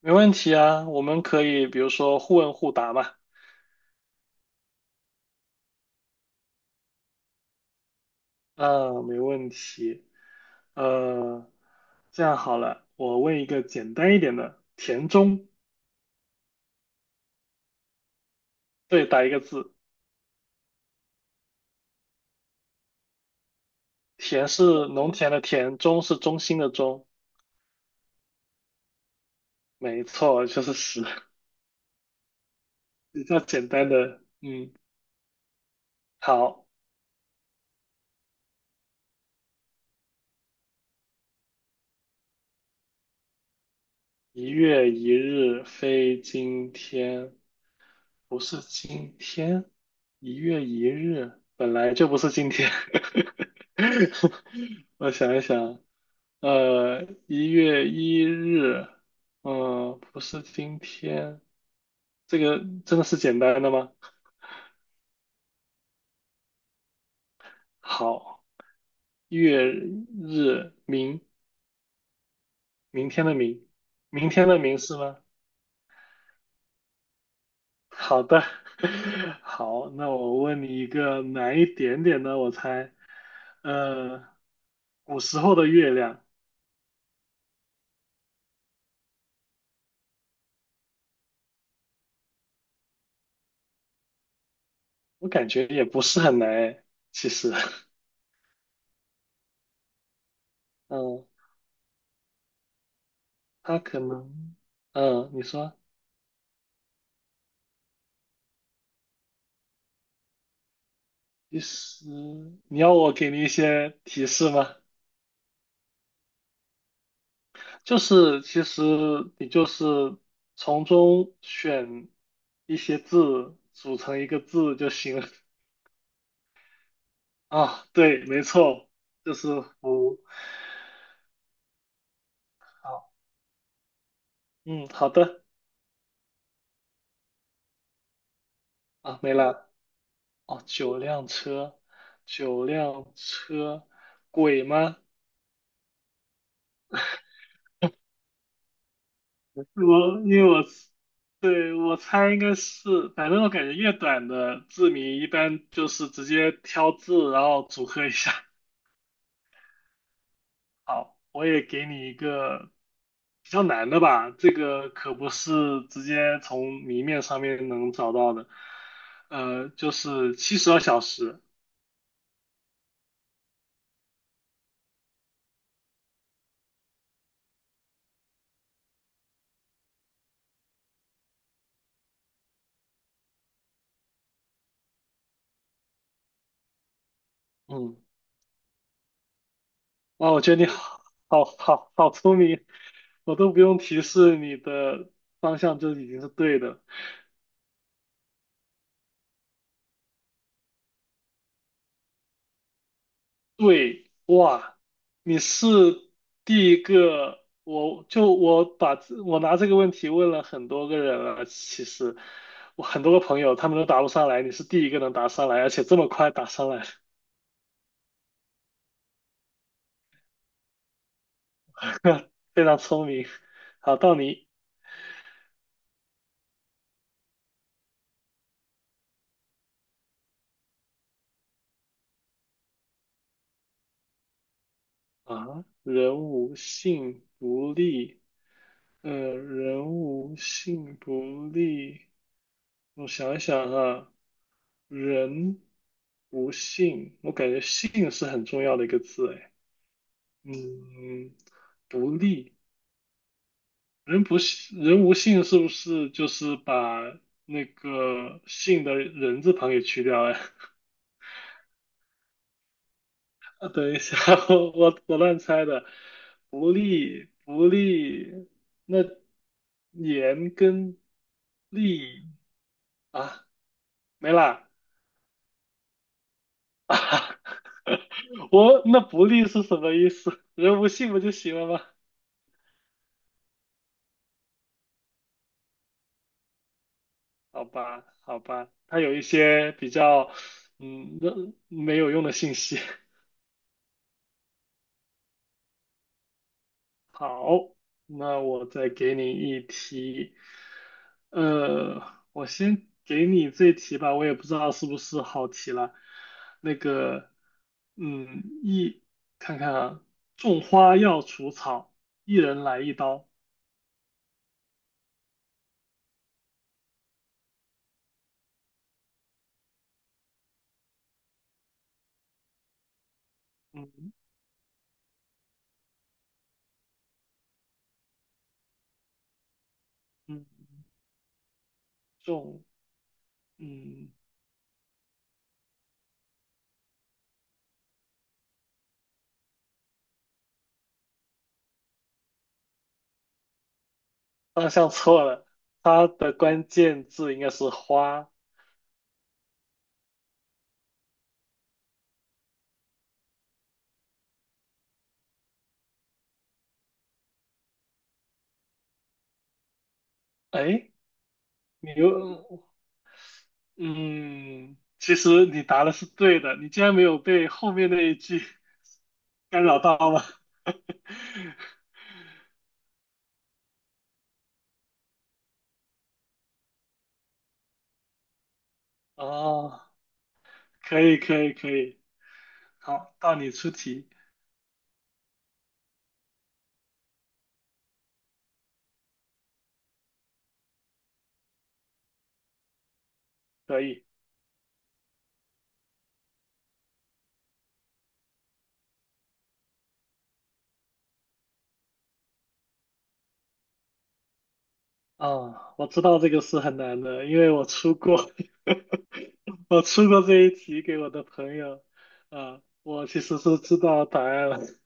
没问题啊，我们可以比如说互问互答嘛。嗯，没问题。呃，这样好了，我问一个简单一点的，田中。对，打一个字。田是农田的田，中是中心的中。没错，就是十。比较简单的。嗯，好，一月一日非今天，不是今天，一月一日本来就不是今天。我想一想，一月一日，不是今天，这个真的是简单的吗？好，月日明，明天的明，明天的明是吗？好的。好，那我问你一个难一点点的，我猜，呃，古时候的月亮。我感觉也不是很难诶，其实。嗯，它可能，嗯，你说。其实你要我给你一些提示吗？就是其实你就是从中选一些字组成一个字就行了。啊，对，没错，就是福。好，嗯，好的。啊，没了。哦，九辆车，九辆车，鬼吗？我因为我对我猜应该是，反正我感觉越短的字谜一般就是直接挑字，然后组合一下。好，我也给你一个比较难的吧，这个可不是直接从谜面上面能找到的。就是72小时。嗯，哇，我觉得你好好好好聪明，我都不用提示你的方向就已经是对的。对，哇，你是第一个，我就我把这我拿这个问题问了很多个人了，其实我很多个朋友他们都答不上来，你是第一个能答上来，而且这么快答上来，非常聪明。好，到你啊，人无信不立。人无信不立，我想一想啊，人无信，我感觉信是很重要的一个字，哎。嗯，不利。人不信，人无信是不是就是把那个信的人字旁给去掉呀？啊等一下，我乱猜的。不利不利，那言跟利啊没啦啊！我那不利是什么意思？人无信不就行了吗？好吧，好吧，它有一些比较那没有用的信息。好，那我再给你一题，呃，我先给你这题吧，我也不知道是不是好题了。那个，一，看看啊，种花要除草，一人来一刀。嗯嗯，种，嗯，方向错了，它的关键字应该是花。哎，你又。嗯，其实你答的是对的，你竟然没有被后面那一句 干扰到吗？哦，可以可以可以，好，到你出题，可以。哦，我知道这个是很难的，因为我出过，我出过这一题给我的朋友，啊、我其实是知道答案了。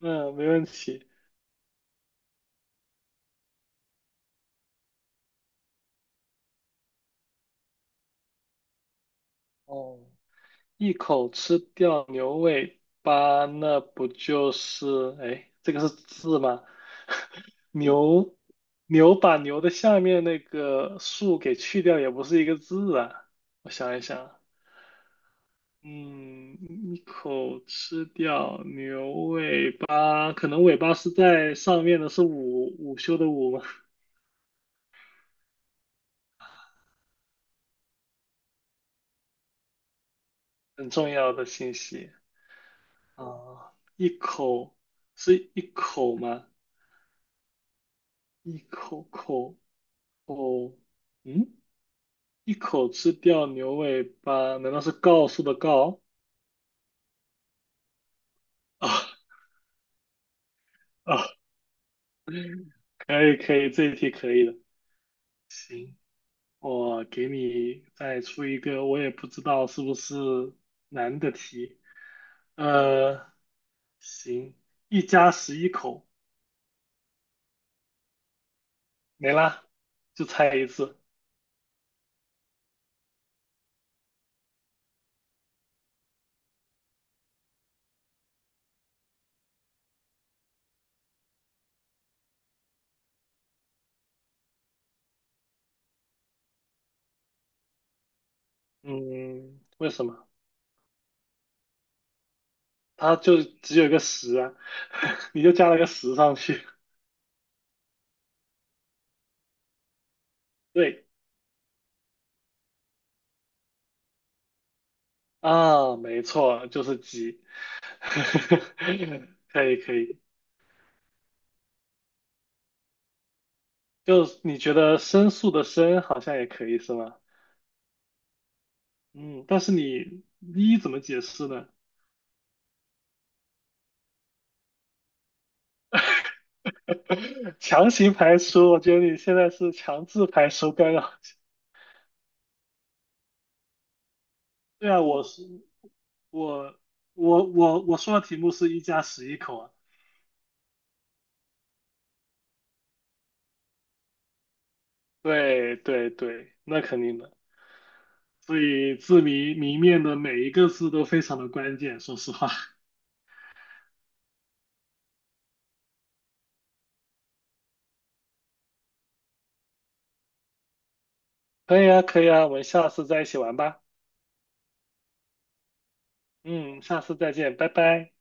嗯，没问题。哦，一口吃掉牛尾巴，那不就是，哎，这个是字吗？牛，牛把牛的下面那个竖给去掉，也不是一个字啊。我想一想啊，嗯，一口吃掉牛尾巴，可能尾巴是在上面的，是午午休的午吗？很重要的信息啊，一口是一口吗？一口口口，嗯。一口吃掉牛尾巴，难道是告诉的告？啊啊，可以可以，这一题可以的。行，我给你再出一个，我也不知道是不是难的题。呃，行，一家十一口，没啦，就猜一次。嗯，为什么？它就只有一个十啊，你就加了个十上去。对啊，没错，就是鸡。可以可以。就你觉得申诉的申好像也可以是吗？嗯，但是你一怎么解释呢？强行排除，我觉得你现在是强制排除干扰。对啊，我是我我我我说的题目是一家十一口啊。对对对，那肯定的。所以字谜谜面的每一个字都非常的关键，说实话。可以啊，可以啊，我们下次再一起玩吧。嗯，下次再见，拜拜。